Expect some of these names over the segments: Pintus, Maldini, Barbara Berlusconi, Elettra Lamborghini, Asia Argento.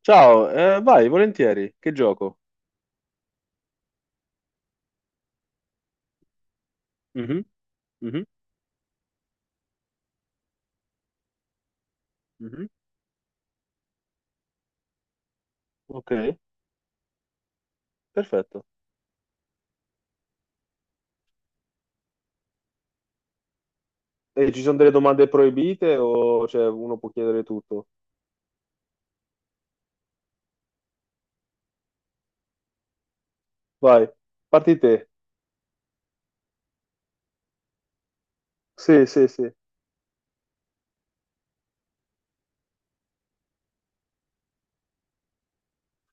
Ciao, vai, volentieri. Che gioco? Mhm, mhm, mhm. Ok, perfetto. E ci sono delle domande proibite o cioè, uno può chiedere tutto? Vai, parti te. Sì, sì, sì,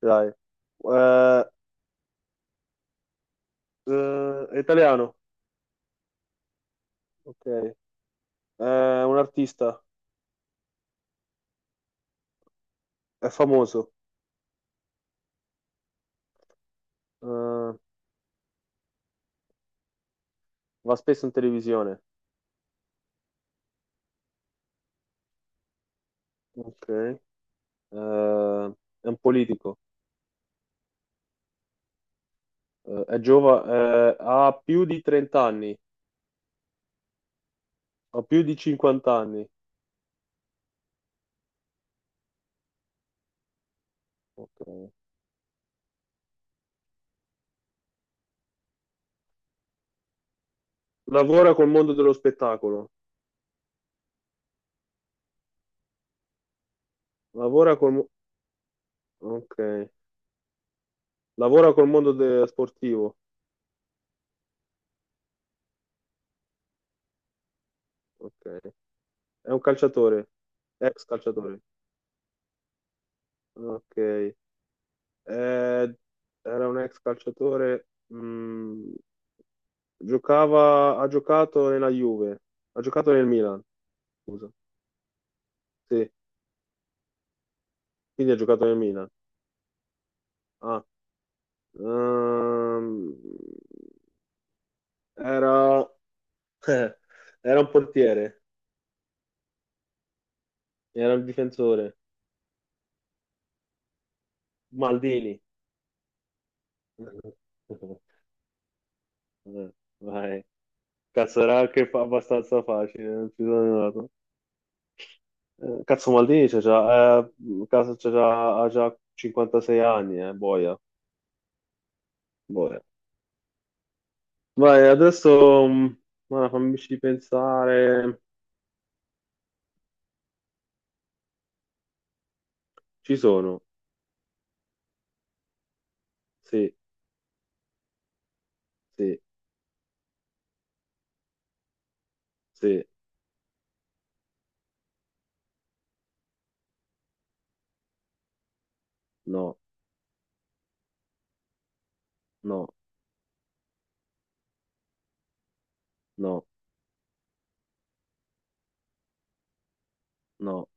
dai. Eh, è italiano. Ok. È un artista. È famoso. Eh, va spesso in televisione. Ok. È un politico. È giovane. Ha più di 30 anni. Ha più di 50 anni. Ok. Lavora col mondo dello spettacolo. Lavora col, mo- ok. Lavora col mondo sportivo. Ok. È un calciatore. Ex calciatore. Ok. Era un ex calciatore. mm, ha giocato nella Juve. Ha giocato nel Milan. Scusa. Sì, quindi ha giocato nel Milan. Ah, ehm, era, era un portiere. Era un difensore. Maldini. Eh, Vai. Cazzo, era anche abbastanza facile, non ci sono andato. Cazzo, Maldini c'ha già, ha già 56 anni, boia, boia. Vai, adesso, ma fammici pensare. Ci sono. Sì, sì, sì, no, no, no, no,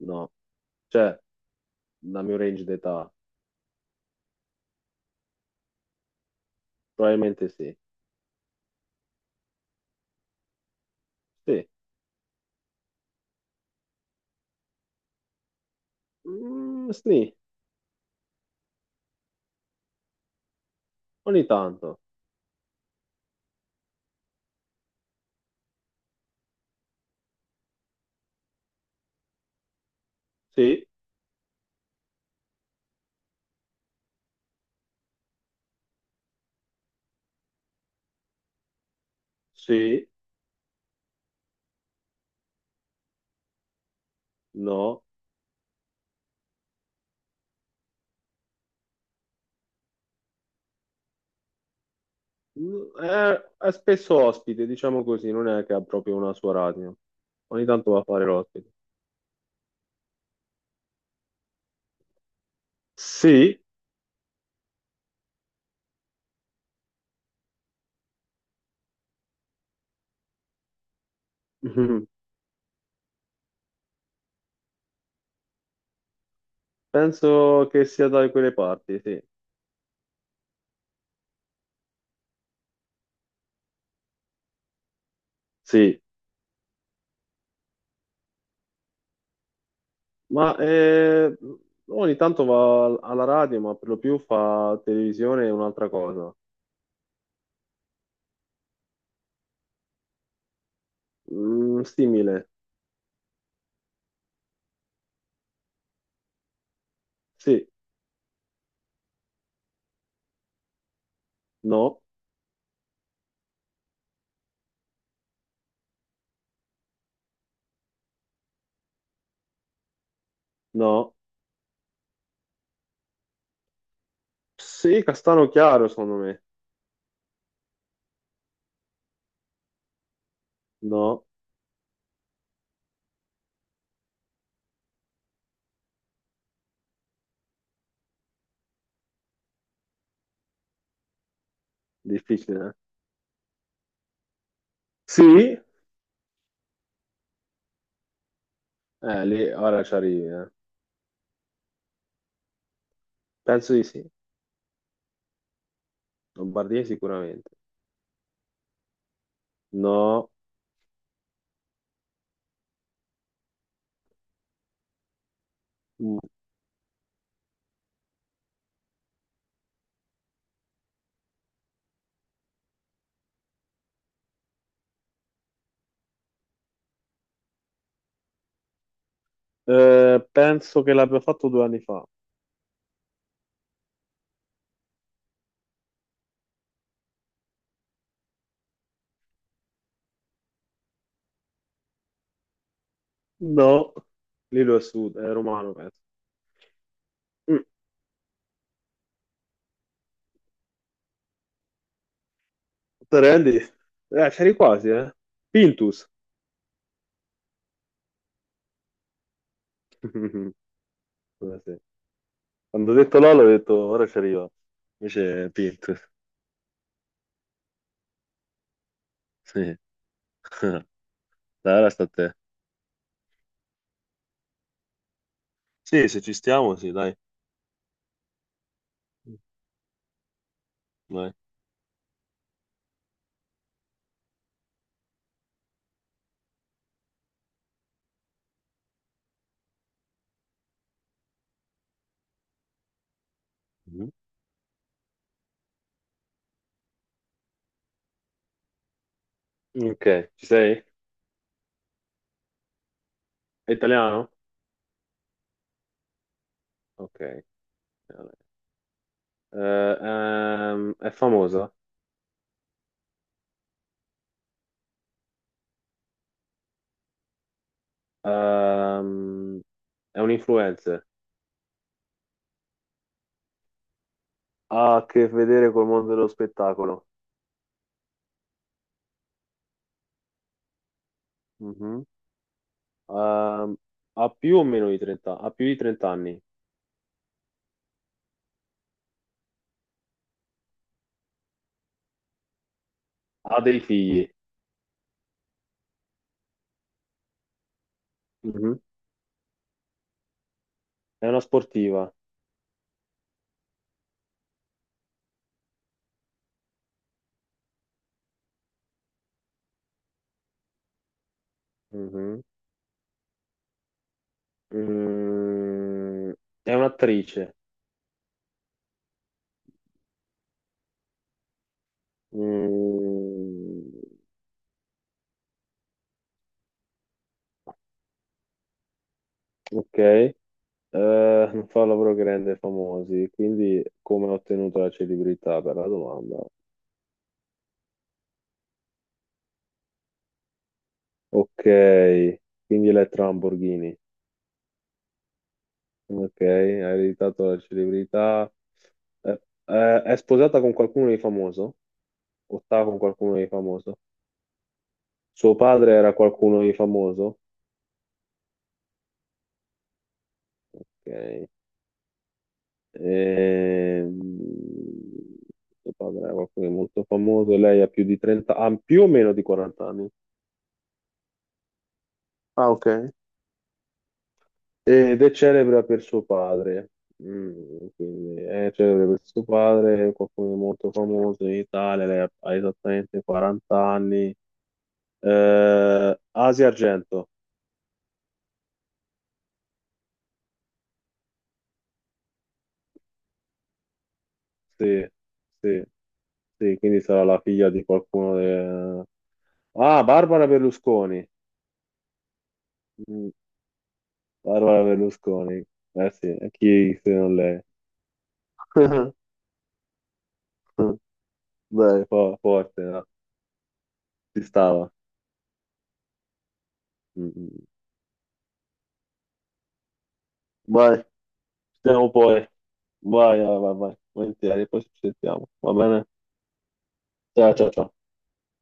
no. Cioè, dal mio range d'età, probabilmente sì. Sì. Mm, sì, ogni tanto. Sì, sì, no. È spesso ospite, diciamo così, non è che ha proprio una sua radio. Ogni tanto va a fare l'ospite. Sì, penso che sia da quelle parti, sì. Sì, ma eh, ogni tanto va alla radio, ma per lo più fa televisione e un'altra cosa. Mm, simile. Sì, no, no. Sì, castano chiaro, secondo me. No, difficile. Sì, lì ora ci arrivi. Penso di sì. Lombardia sicuramente. No. Mm. Penso che l'abbia fatto 2 anni fa. No. Lì lo è sud, è romano, penso. Mm. Te rendi? C'eri quasi, eh. Pintus. Sì. Quando ho detto Lolo, ho detto ora ci arriva. Invece è Pintus. Sì. Dai, ora sta a te. Sì, se ci stiamo, sì, dai. Vai. Mhm. Ok, ci sei? È italiano? Ok. Vabbè. Eh, è famosa. Ehm, è un influencer. Ha a che vedere col mondo dello spettacolo. Mhm. Ehm, ha più di 30 anni, ha dei figli. Mhm. È una sportiva. Mhm. Mm, è un'attrice. Mm, ok. Non fa un lavoro che rende famosi, quindi come ha ottenuto la celebrità per la domanda? Ok, quindi Elettra Lamborghini. Ok, hai ereditato la celebrità. È sposata con qualcuno di famoso? O sta con qualcuno di famoso? Suo padre era qualcuno di famoso? Ok. Ehm, suo padre era qualcuno di molto famoso. Lei ha più di 30, ha più o meno di 40 anni. Ah, ok. Ed è celebre per suo padre. Mm, quindi è celebre per suo padre, qualcuno di molto famoso in Italia. Lei ha esattamente 40 anni. Asia Argento, sì, sì, sì, quindi sarà la figlia di qualcuno. Ah, Barbara Berlusconi. Mm, Barbara Berlusconi, eh sì, e chi se non lei? Beh, forte, no? Ci stava. Mm, mm. Vai, ci sentiamo poi. Vai, vai, vai, vai, volentieri, poi ci sentiamo, va bene? Ciao, ciao, ciao.